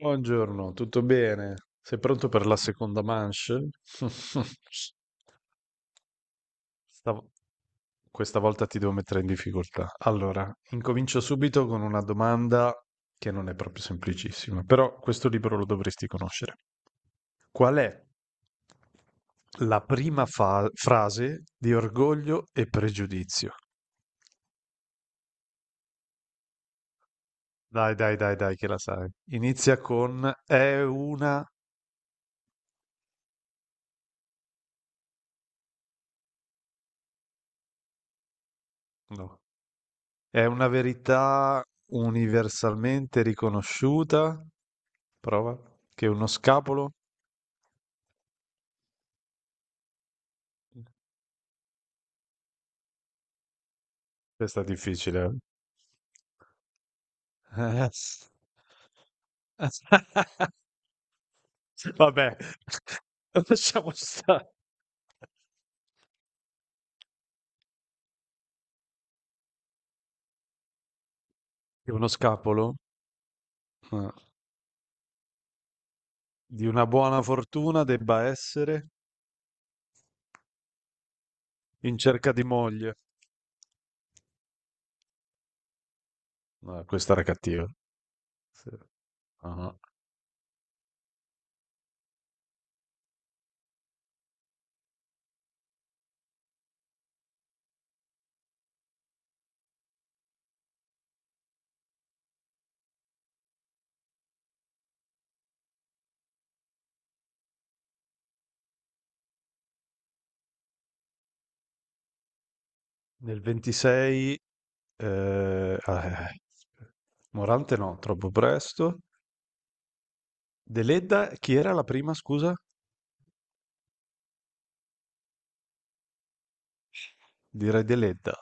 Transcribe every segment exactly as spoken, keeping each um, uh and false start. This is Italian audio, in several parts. Buongiorno, tutto bene? Sei pronto per la seconda manche? Stavo- Questa volta ti devo mettere in difficoltà. Allora, incomincio subito con una domanda che non è proprio semplicissima, però questo libro lo dovresti conoscere. Qual è la prima fa- frase di Orgoglio e Pregiudizio? Dai, dai, dai, dai, che la sai. Inizia con è una. No. È una verità universalmente riconosciuta. Prova. Che uno scapolo. Questa è difficile. eh. Vabbè, lasciamo stare. Che uno scapolo eh, di una buona fortuna debba essere in cerca di moglie. No, questa era cattiva. Sì. Ah. Nel ventisei, eh, ah, eh, Morante no, troppo presto. Deledda, chi era la prima, scusa? Direi Deledda.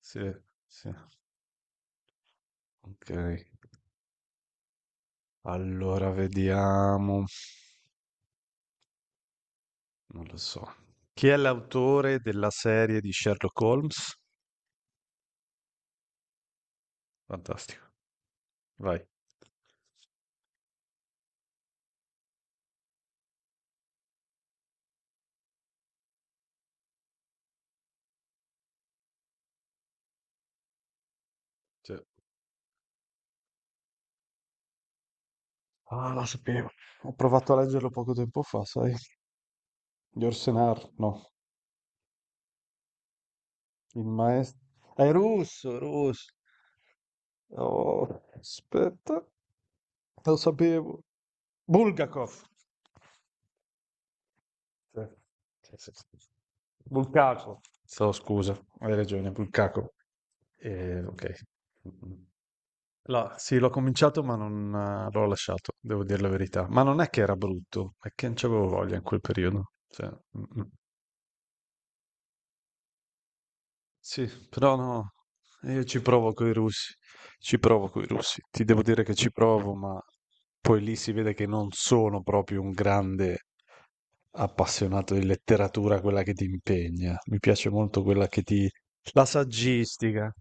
Sì, sì. Ok. Allora vediamo. Non lo so. Chi è l'autore della serie di Sherlock Holmes? Fantastico. Vai. Sì. Ah, la sapevo. Ho provato a leggerlo poco tempo fa, sai? Yorsenar, no. Il maestro. È russo, russo. Oh, aspetta. Lo sapevo. Bulgakov. Sì. Sì, sì, sì, sì. Bulcaco. So, scusa, hai ragione, Bulcaco. Eh, ok. Mhm. No, sì, l'ho cominciato ma non eh, l'ho lasciato, devo dire la verità. Ma non è che era brutto, è che non c'avevo voglia in quel periodo. Cioè, mm, mm. Sì, però no, io ci provo coi russi, ci provo coi russi. Ti devo dire che ci provo, ma poi lì si vede che non sono proprio un grande. Appassionato di letteratura quella che ti impegna. Mi piace molto quella che ti. La saggistica.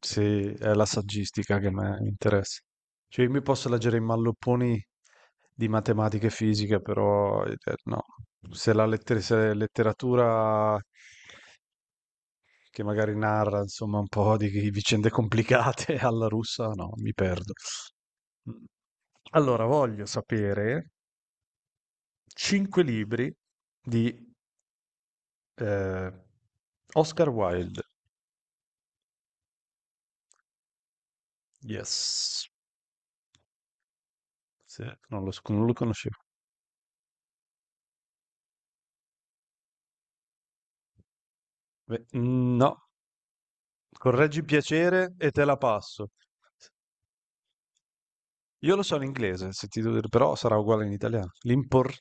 Sì, è la saggistica che mi mi interessa. Cioè, io mi posso leggere i mallopponi di matematica e fisica, però eh, no. Se la letter- se letteratura che magari narra, insomma, un po' di vicende complicate alla russa, no, mi perdo. Allora, voglio sapere cinque libri di Ehm, Oscar Wilde, yes. Sì, non lo s non lo conoscevo. Beh, mhmm, no, correggi piacere e te la passo. Io lo so in inglese, se ti devo dire, però sarà uguale in italiano. L'impor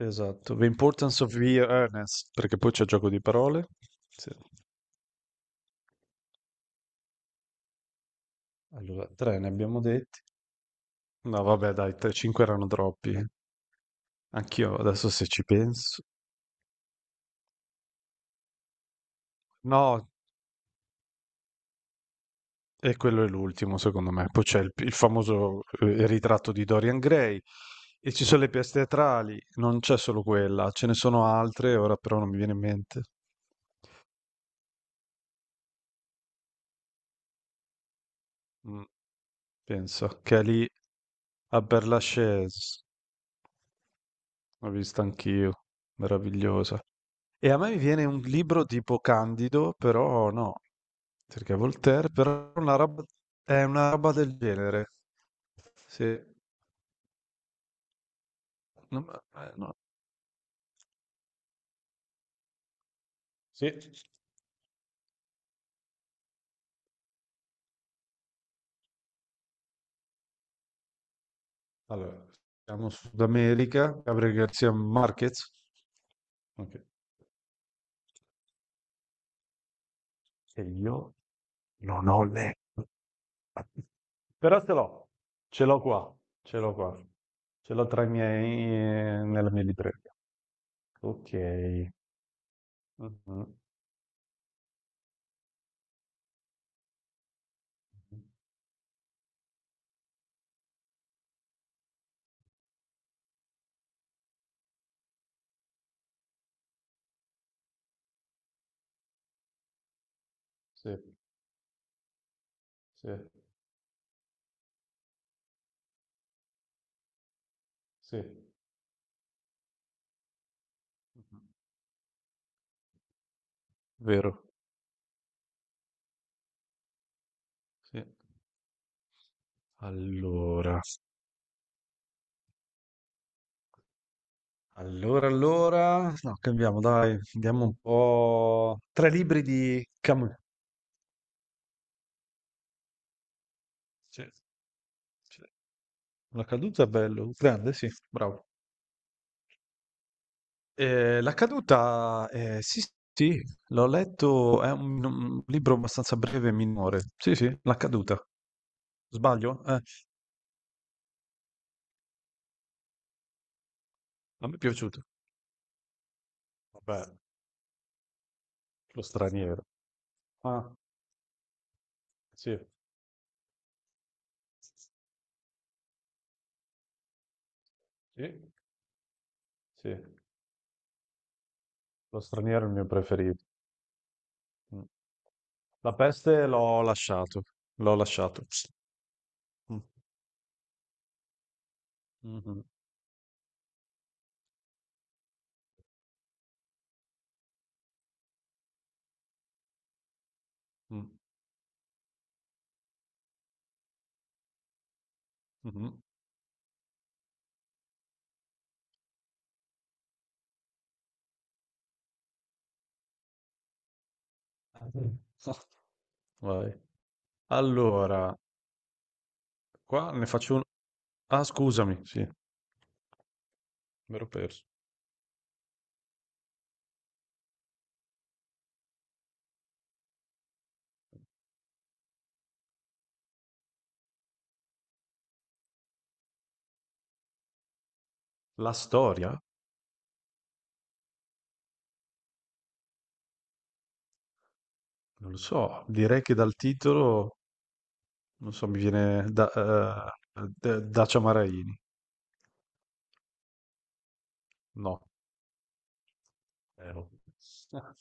esatto, "The importance of the earnest", perché poi c'è gioco di parole. Sì. Allora, tre ne abbiamo detti. No vabbè dai, te cinque erano troppi. eh. Anch'io adesso se ci penso, no. E quello è l'ultimo, secondo me. Poi c'è il, il famoso eh, ritratto di Dorian Gray e ci sono le pièce teatrali, non c'è solo quella, ce ne sono altre, ora però non mi viene in mente. Mm, pensa, che è lì a Père Lachaise, l'ho vista anch'io, meravigliosa. E a me mi viene un libro tipo Candido, però no, perché è Voltaire, però una roba- è una roba del genere. Sì. No, ma- eh, no. Sì. Allora, siamo Sud America, Gabriel Garcia Marquez. Ok. E io non ho letto. Però ce l'ho, ce l'ho qua, ce l'ho qua. Ce l'ho tra i miei, nella mia libreria. Ok. Mhm. Sì, sì, sì. Vero. Sì. Allora, allora, allora, no, cambiamo, dai, andiamo un po'. Tre libri di Camus. Sì, sì. La caduta è bello, grande, sì, bravo. Eh, la caduta, eh, sì, sì, l'ho letto, è un, un libro abbastanza breve e minore. Sì, sì, La caduta. Sbaglio? Eh, a me è piaciuto. Vabbè, lo straniero. Ah, sì, sì, sì, lo straniero è il mio preferito. Mm. La peste l'ho lasciato, l'ho lasciato. Mm. Mhm, mm, mhm. Vai. Allora, qua ne faccio. Ah, scusami, sì, mi ero perso. La storia? Non lo so, direi che dal titolo, non so, mi viene da, eh, da- Dacia Maraini. No. Eh, oh.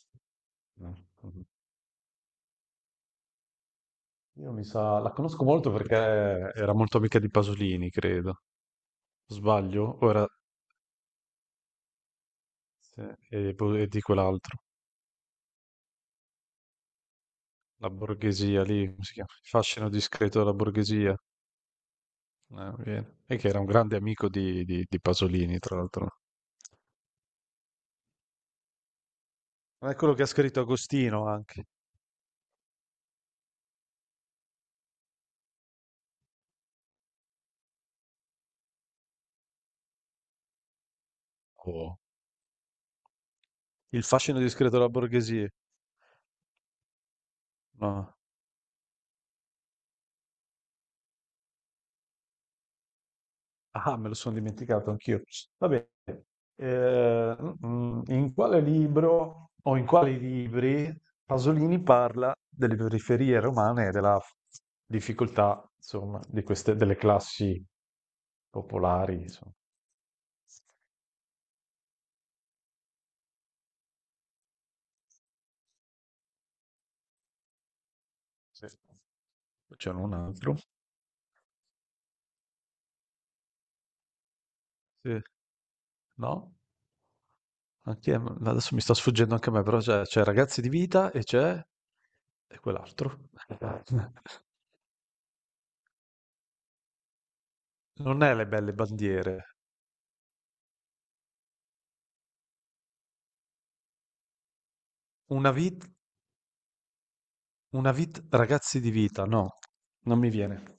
No. Io mi sa, la conosco molto perché era molto amica di Pasolini, credo. Sbaglio? Ora, sì, e, po- e di quell'altro, la borghesia lì, come si chiama? Il fascino discreto della borghesia. Eh, bene. E che era un grande amico di, di- di Pasolini, tra l'altro. Ma è quello che ha scritto Agostino anche. Oh. Il fascino discreto della borghesia. No. Ah, me lo sono dimenticato anch'io. Va bene. Eh, mm, in quale libro o in quali libri Pasolini parla delle periferie romane e della difficoltà, insomma, di queste, delle classi popolari, insomma. Sì. C'era un altro. Sì. No? Anche adesso mi sta sfuggendo anche a me, però c'è c'è Ragazzi di vita e c'è, e quell'altro. Non è le belle bandiere. Una vita, una vit, ragazzi di vita, no, non mi viene.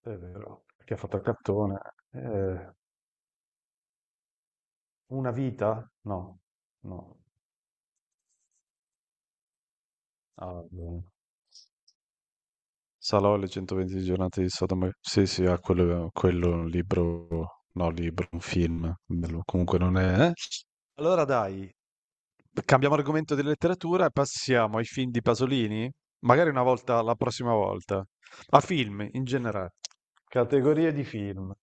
È vero, perché ha fatto il cartone. Eh, una vita? No, no. Ah, no. Salò e le centoventi giornate di Sodoma. Sì, sì, ha quello, quello è un libro, no, libro, un film. Bello. Comunque non è. eh. Allora dai, cambiamo argomento di letteratura e passiamo ai film di Pasolini, magari una volta, la prossima volta, a film in generale. Categorie di film,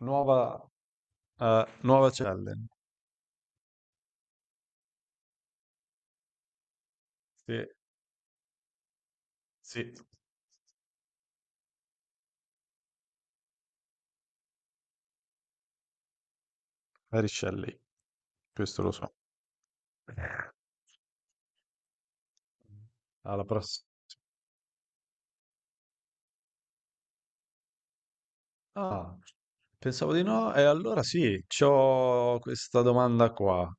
nuova, eh, nuova challenge. Sì, sì, Mary Shelley, questo lo so. Alla prossima. Ah, pensavo di no, e allora sì, c'ho questa domanda qua.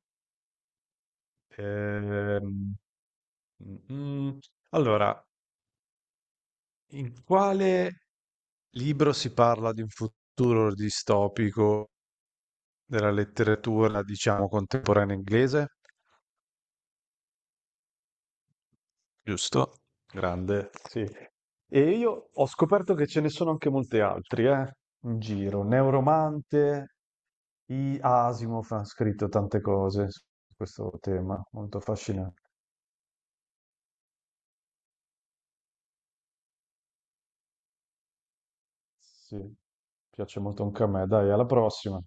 Ehm, mm, mm. Allora, in quale libro si parla di un futuro distopico della letteratura, diciamo, contemporanea inglese, giusto? Grande. Sì. E io ho scoperto che ce ne sono anche molti altri, eh, in giro. Neuromante, I Asimov ha scritto tante cose su questo tema, molto affascinante. Sì, piace molto anche a me. Dai, alla prossima.